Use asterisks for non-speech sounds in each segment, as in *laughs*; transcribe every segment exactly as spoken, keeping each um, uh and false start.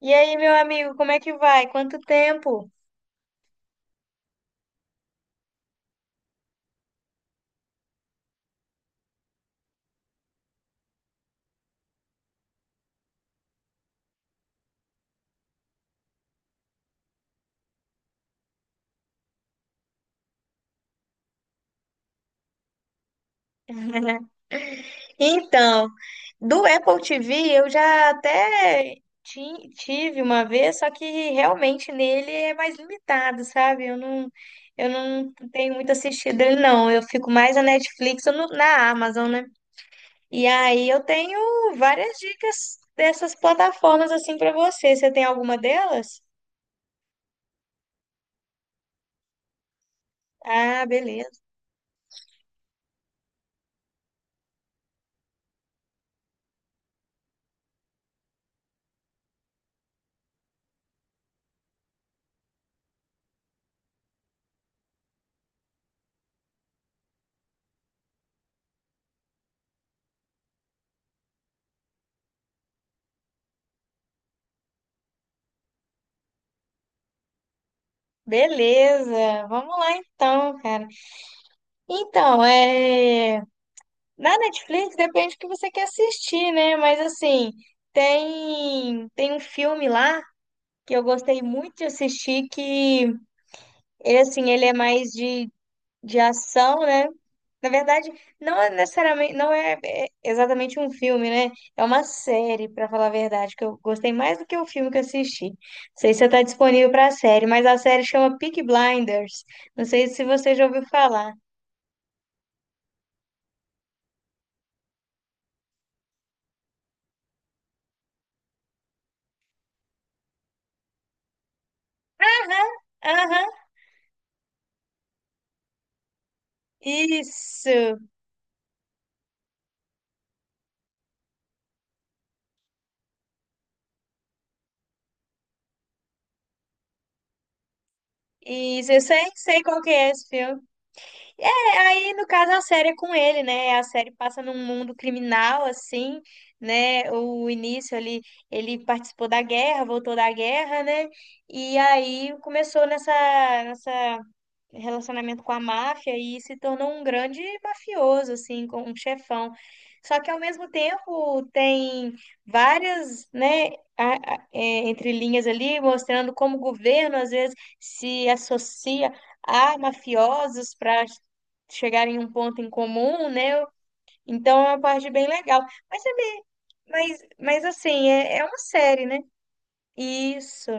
E aí, meu amigo, como é que vai? Quanto tempo? *laughs* Então, do Apple T V eu já até ti- tive uma vez, só que realmente nele é mais limitado, sabe? Eu não, eu não tenho muito assistido ele, não. Eu fico mais na Netflix ou no- na Amazon, né? E aí eu tenho várias dicas dessas plataformas assim para você. Você tem alguma delas? Ah, beleza. Beleza. Vamos lá então, cara. Então, é. Na Netflix depende do que você quer assistir, né? Mas assim, tem tem um filme lá que eu gostei muito de assistir que ele assim, ele é mais de, de ação, né? Na verdade, não é necessariamente, não é é exatamente um filme, né? É uma série, pra falar a verdade, que eu gostei mais do que o filme que eu assisti. Não sei se está disponível pra série, mas a série chama Peaky Blinders. Não sei se você já ouviu falar. Aham, aham, isso. Isso, eu sei, sei qual que é esse filme. É, aí no caso a série é com ele, né? A série passa num mundo criminal, assim, né? O início ali, ele participou da guerra, voltou da guerra, né? E aí começou nessa, nessa relacionamento com a máfia e se tornou um grande mafioso, assim, com um chefão. Só que ao mesmo tempo tem várias, né, a- a- é, entrelinhas ali mostrando como o governo às vezes se associa a mafiosos para chegarem em um ponto em comum, né? Então é uma parte bem legal. Mas, é bem- mas, mas assim, é, é uma série, né? Isso,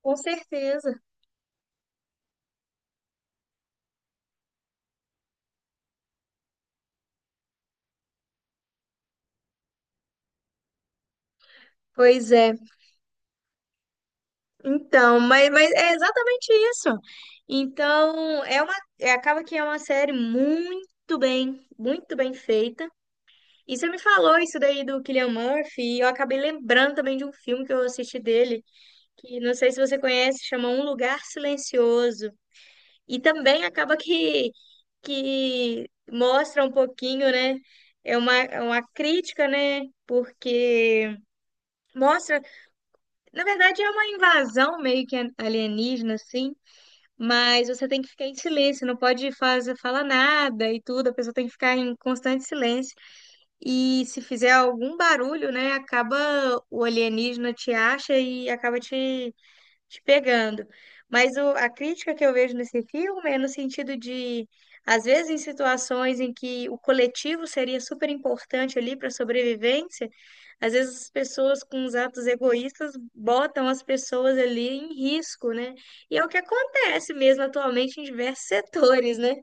com certeza. Pois é. Então, mas, mas é exatamente isso. Então, é uma, é- acaba que é uma série muito bem, muito bem feita. E você me falou isso daí do Cillian Murphy, e eu acabei lembrando também de um filme que eu assisti dele, que não sei se você conhece, chama Um Lugar Silencioso. E também acaba que, que mostra um pouquinho, né? É uma, é uma crítica, né? Porque mostra, na verdade, é uma invasão meio que alienígena, assim. Mas você tem que ficar em silêncio, não pode fazer, falar nada e tudo, a pessoa tem que ficar em constante silêncio. E se fizer algum barulho, né, acaba o alienígena te acha e acaba te te pegando. Mas o- a crítica que eu vejo nesse filme é no sentido de, às vezes, em situações em que o coletivo seria super importante ali para a sobrevivência, às vezes as pessoas com os atos egoístas botam as pessoas ali em risco, né? E é o que acontece mesmo atualmente em diversos *laughs* setores, né?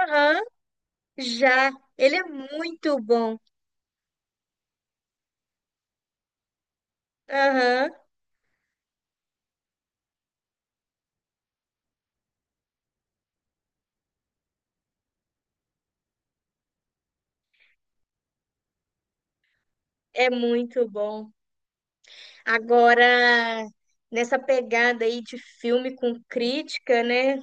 Aham, já. Ele é muito bom. Aham, é muito bom. Agora, nessa pegada aí de filme com crítica, né?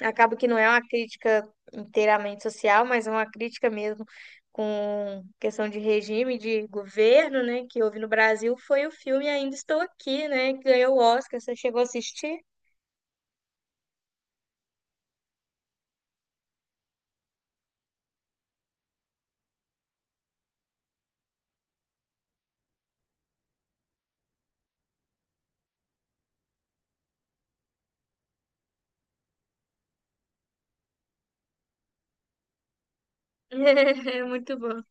Acaba que não é uma crítica inteiramente social, mas é uma crítica mesmo com questão de regime, de governo, né? Que houve no Brasil foi o filme Ainda Estou Aqui, né? Que ganhou o Oscar. Você chegou a assistir? *laughs* É muito bom.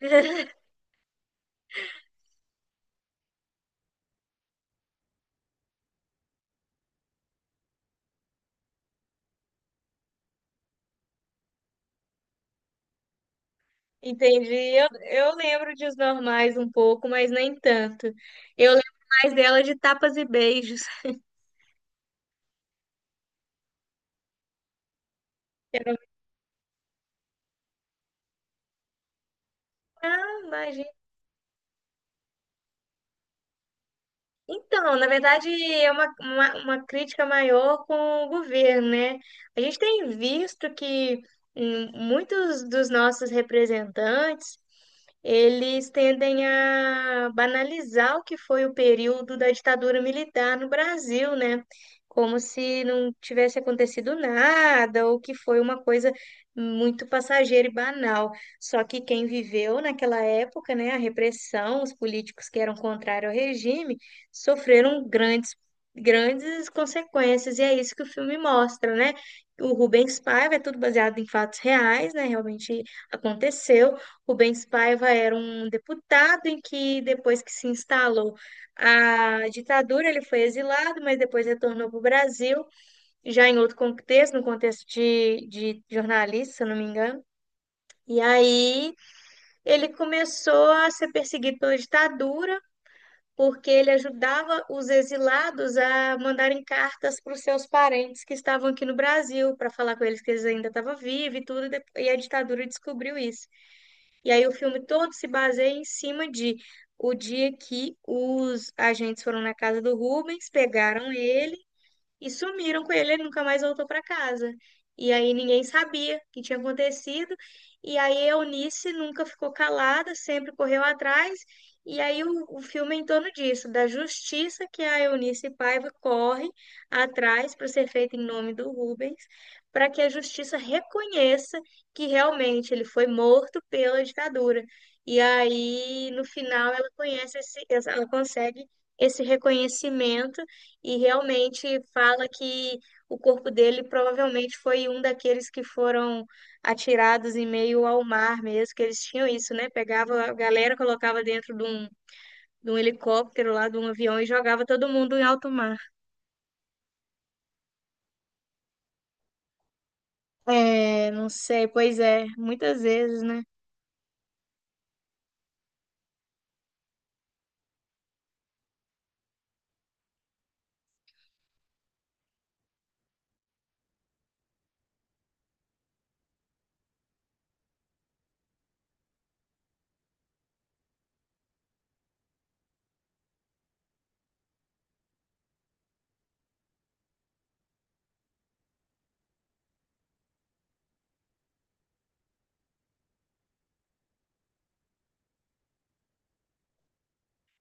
*laughs* Entendi. Eu, eu lembro de Os Normais um pouco, mas nem tanto. Eu lembro mais dela de Tapas e Beijos. *laughs* Ah, imagina. Então, na verdade, é uma, uma, uma crítica maior com o governo, né? A gente tem visto que hum, muitos dos nossos representantes, eles tendem a banalizar o que foi o período da ditadura militar no Brasil, né? Como se não tivesse acontecido nada, ou que foi uma coisa muito passageira e banal. Só que quem viveu naquela época, né, a repressão, os políticos que eram contrários ao regime, sofreram grandes, grandes consequências, e é isso que o filme mostra, né? O Rubens Paiva é tudo baseado em fatos reais, né? Realmente aconteceu. Rubens Paiva era um deputado em que, depois que se instalou a ditadura, ele foi exilado, mas depois retornou para o Brasil, já em outro contexto, no contexto de, de jornalista, se eu não me engano. E aí ele começou a ser perseguido pela ditadura porque ele ajudava os exilados a mandarem cartas para os seus parentes que estavam aqui no Brasil, para falar com eles que eles ainda estavam vivos e tudo, e dep- e a ditadura descobriu isso. E aí o filme todo se baseia em cima de o dia que os agentes foram na casa do Rubens, pegaram ele e sumiram com ele, ele nunca mais voltou para casa. E aí ninguém sabia o que tinha acontecido, e aí a Eunice nunca ficou calada, sempre correu atrás, e aí o, o filme é em torno disso, da justiça que a Eunice Paiva corre atrás para ser feita em nome do Rubens, para que a justiça reconheça que realmente ele foi morto pela ditadura. E aí, no final, ela conhece esse, ela consegue esse reconhecimento e realmente fala que o corpo dele provavelmente foi um daqueles que foram atirados em meio ao mar mesmo, que eles tinham isso, né? Pegava a galera, colocava dentro de um, de um helicóptero lá, de um avião e jogava todo mundo em alto mar. É, não sei, pois é, muitas vezes, né?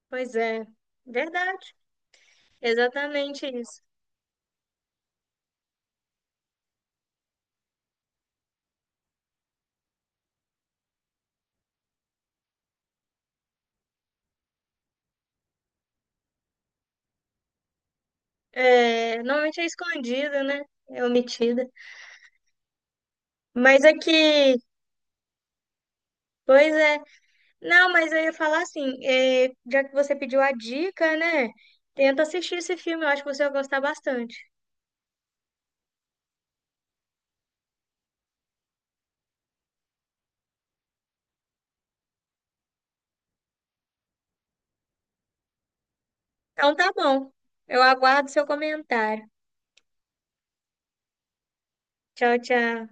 Pois é, verdade, exatamente isso. É, normalmente é escondida, né? É omitida. Mas aqui, pois é. Não, mas eu ia falar assim, é, já que você pediu a dica, né? Tenta assistir esse filme, eu acho que você vai gostar bastante. Então tá bom. Eu aguardo seu comentário. Tchau, tchau.